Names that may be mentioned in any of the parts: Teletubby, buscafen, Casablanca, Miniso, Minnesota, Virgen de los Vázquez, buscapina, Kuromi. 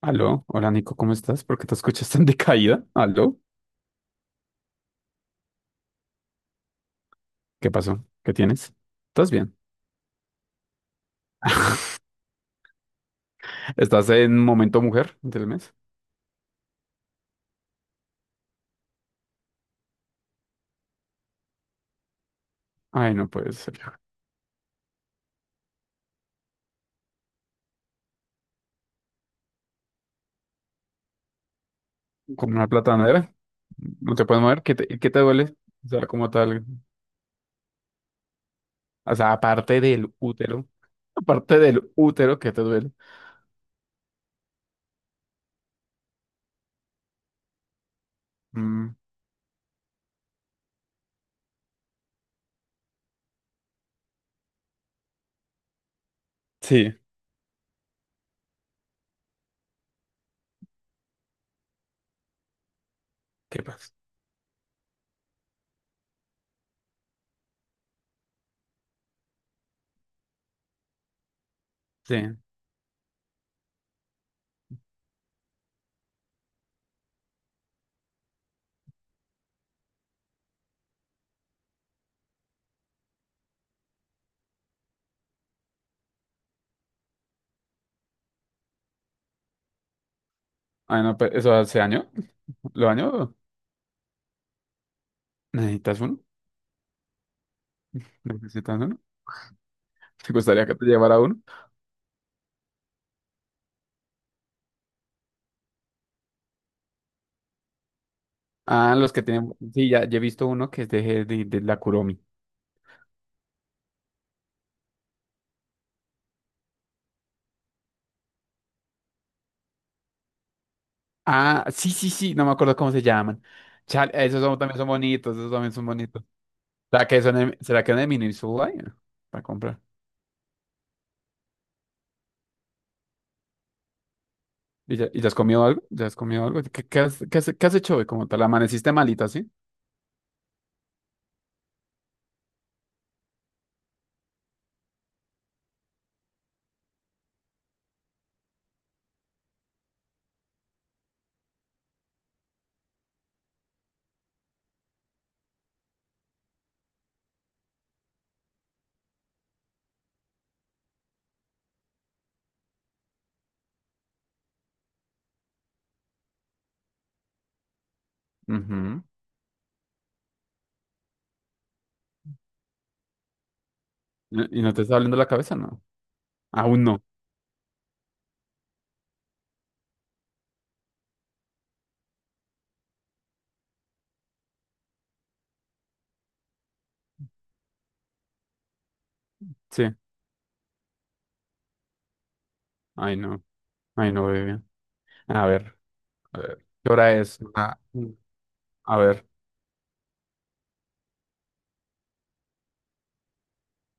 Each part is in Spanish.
Aló, hola Nico, ¿cómo estás? ¿Por qué te escuchas tan decaída? Aló, ¿qué pasó? ¿Qué tienes? ¿Estás bien? ¿Estás en momento mujer del mes? Ay, no puede ser. Con una platanera, no te puedes mover. ¿Qué te duele? O sea, como tal. O sea, aparte del útero. Aparte del útero, ¿qué te duele? Mm, sí, ¿qué pasa? Sí. Ay, no, pues, ¿eso hace año? ¿Lo año? ¿Necesitas uno? ¿Necesitas uno? ¿Te gustaría que te llevara uno? Ah, los que tienen. Sí, ya he visto uno que es de la Kuromi. Ah, sí, sí, sí, no me acuerdo cómo se llaman. Chale, esos son- también son bonitos, esos también son bonitos. ¿Será que son de, será que son de Minnesota? Para comprar. ¿Y ya has comido algo? ¿Ya has comido algo? ¿Qué has hecho hoy como tal? ¿Amaneciste malita, sí? Ujú. ¿Y no te está doliendo la cabeza? No. Aún no. Sí. Ay, no. Ay, no, bebé. A ver. A ver. ¿Qué hora es? A ver.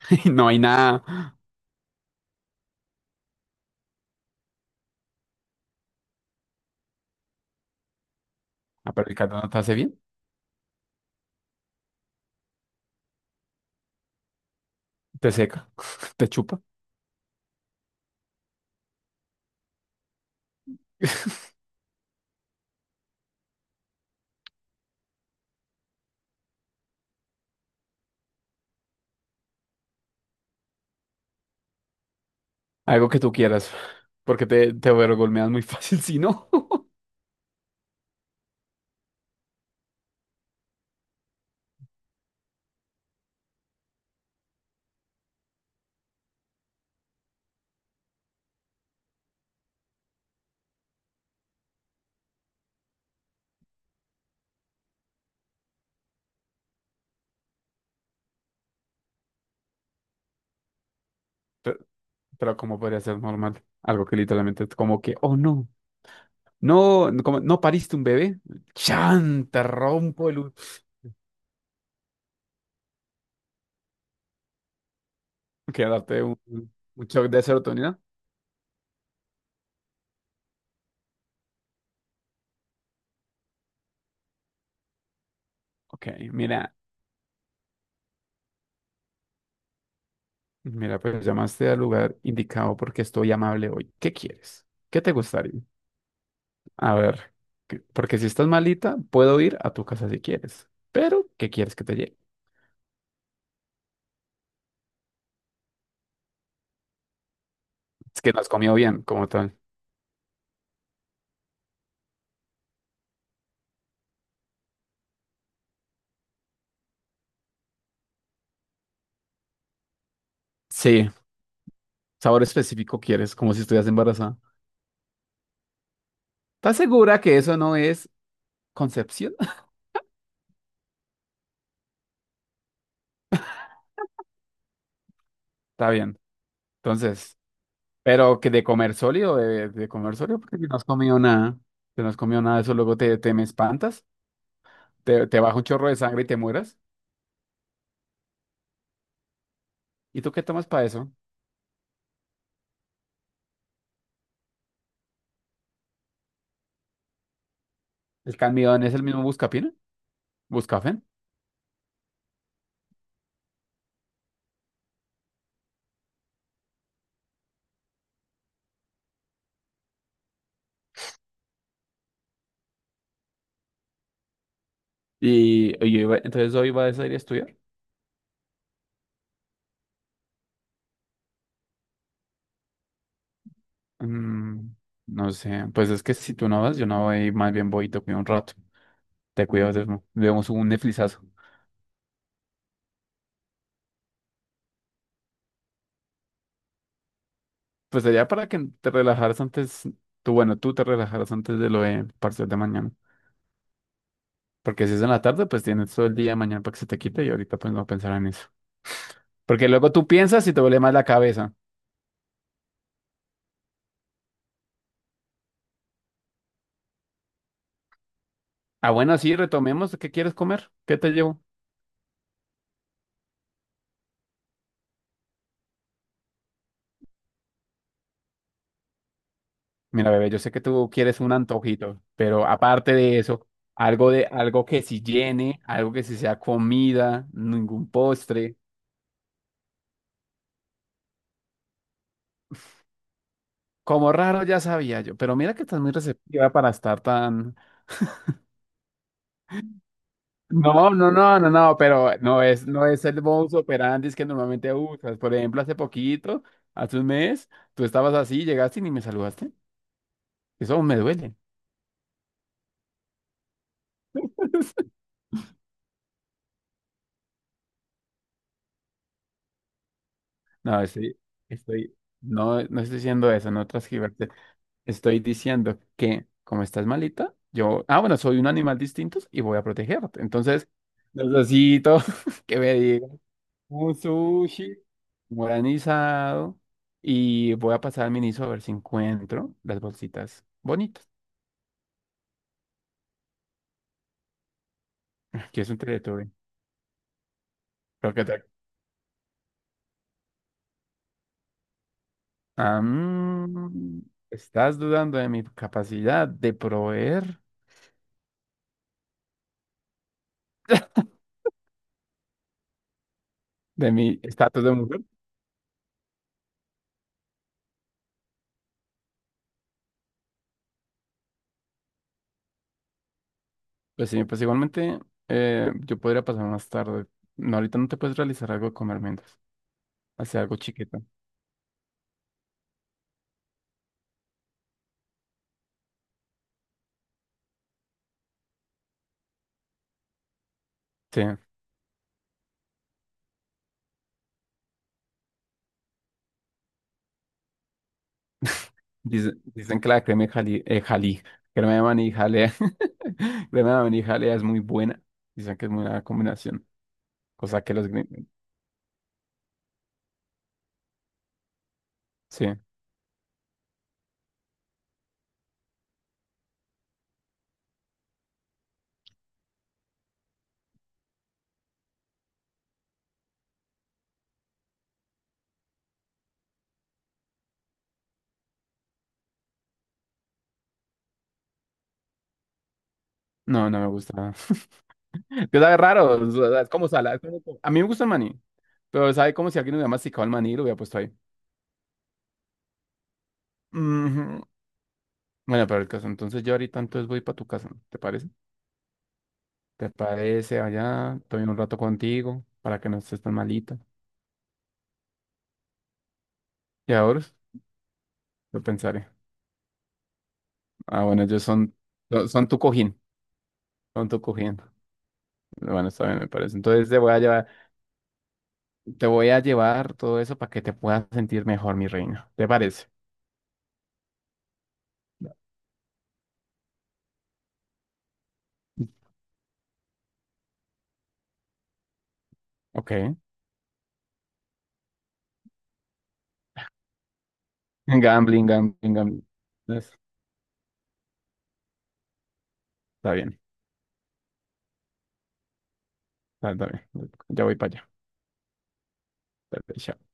No hay nada. Ah, pero el caldo no te hace bien. Te seca. Te chupa. Algo que tú quieras, porque te overgolmeas muy fácil, si no. Pero, pero ¿cómo podría ser normal? Algo que literalmente es como que, oh no, no, no, como, ¿no pariste un bebé? ¡Chan! Te rompo el... u- Que darte un shock de serotonina. Ok, mira, mira, pues llamaste al lugar indicado porque estoy amable hoy. ¿Qué quieres? ¿Qué te gustaría? A ver, que- porque si estás malita, puedo ir a tu casa si quieres, pero ¿qué quieres que te lleve? Es que no has comido bien, como tal. Sí. ¿Sabor específico quieres? Como si estuvieras embarazada. ¿Estás segura que eso no es concepción? Está bien. Entonces, pero que de comer sólido, de comer sólido, porque si no has comido nada, si no has comido nada, eso luego te me espantas, te baja un chorro de sangre y te mueras. ¿Y tú qué tomas para eso? ¿El cambio es el mismo buscapina? Buscafen. Y hoy va- entonces hoy vas a ir a estudiar. Mm, no sé, pues es que si tú no vas, yo no voy, más bien voy y te cuido un rato. Te cuido, vemos un Netflixazo. Pues sería para que te relajaras antes, tú, bueno, tú te relajaras antes de lo de parcial de mañana. Porque si es en la tarde, pues tienes todo el día de mañana para que se te quite y ahorita pues no pensar en eso. Porque luego tú piensas y te duele más la cabeza. Ah, bueno, sí, retomemos. ¿Qué quieres comer? ¿Qué te llevo? Mira, bebé, yo sé que tú quieres un antojito, pero aparte de eso, algo de algo que sí llene, algo que sí sea comida, ningún postre. Como raro ya sabía yo, pero mira que estás muy receptiva para estar tan No, pero no es, no es el modus operandi que normalmente usas. Por ejemplo, hace poquito, hace un mes, tú estabas así, llegaste y ni me saludaste. Eso aún me duele. No, estoy, estoy, no, no estoy diciendo eso, no transcribirte. Estoy diciendo que como estás malita, yo, ah, bueno, soy un animal distinto y voy a protegerte. Entonces, necesito que me digas. Un sushi guaranizado. Y voy a pasar al Miniso a ver si encuentro las bolsitas bonitas. Que es un Teletubby. Creo que te- Ah, mm, ¿estás dudando de mi capacidad de proveer de mi estatus de mujer? Pues sí, pues igualmente yo podría pasar más tarde. No, ahorita no te puedes realizar algo de comer mientras. Hacer algo chiquito. Sí. Dice- dicen que la crema de jali, jalí, crema de maní jalea, crema de maní jalea es muy buena. Dicen que es muy buena combinación, cosa que los gringos, sí, no, no me gusta. Que sabe raro, o sea, es como salada. Es como- A mí me gusta el maní, pero sabe como si alguien hubiera masticado el maní y lo hubiera puesto ahí. Ujú. Bueno, pero el caso, entonces yo ahorita entonces voy para tu casa, ¿te parece? ¿Te parece allá? Estoy un rato contigo para que no estés tan malita. Y ahora lo pensaré. Ah, bueno, ellos son, son son tu cojín, son tu cojín. Bueno, está bien, me parece. Entonces te voy a llevar, te voy a llevar todo eso para que te puedas sentir mejor, mi reina. ¿Te parece? Ok. Gambling, gambling, gambling. Es- Está bien, está, está bien. Ya voy para allá. Dale, chao.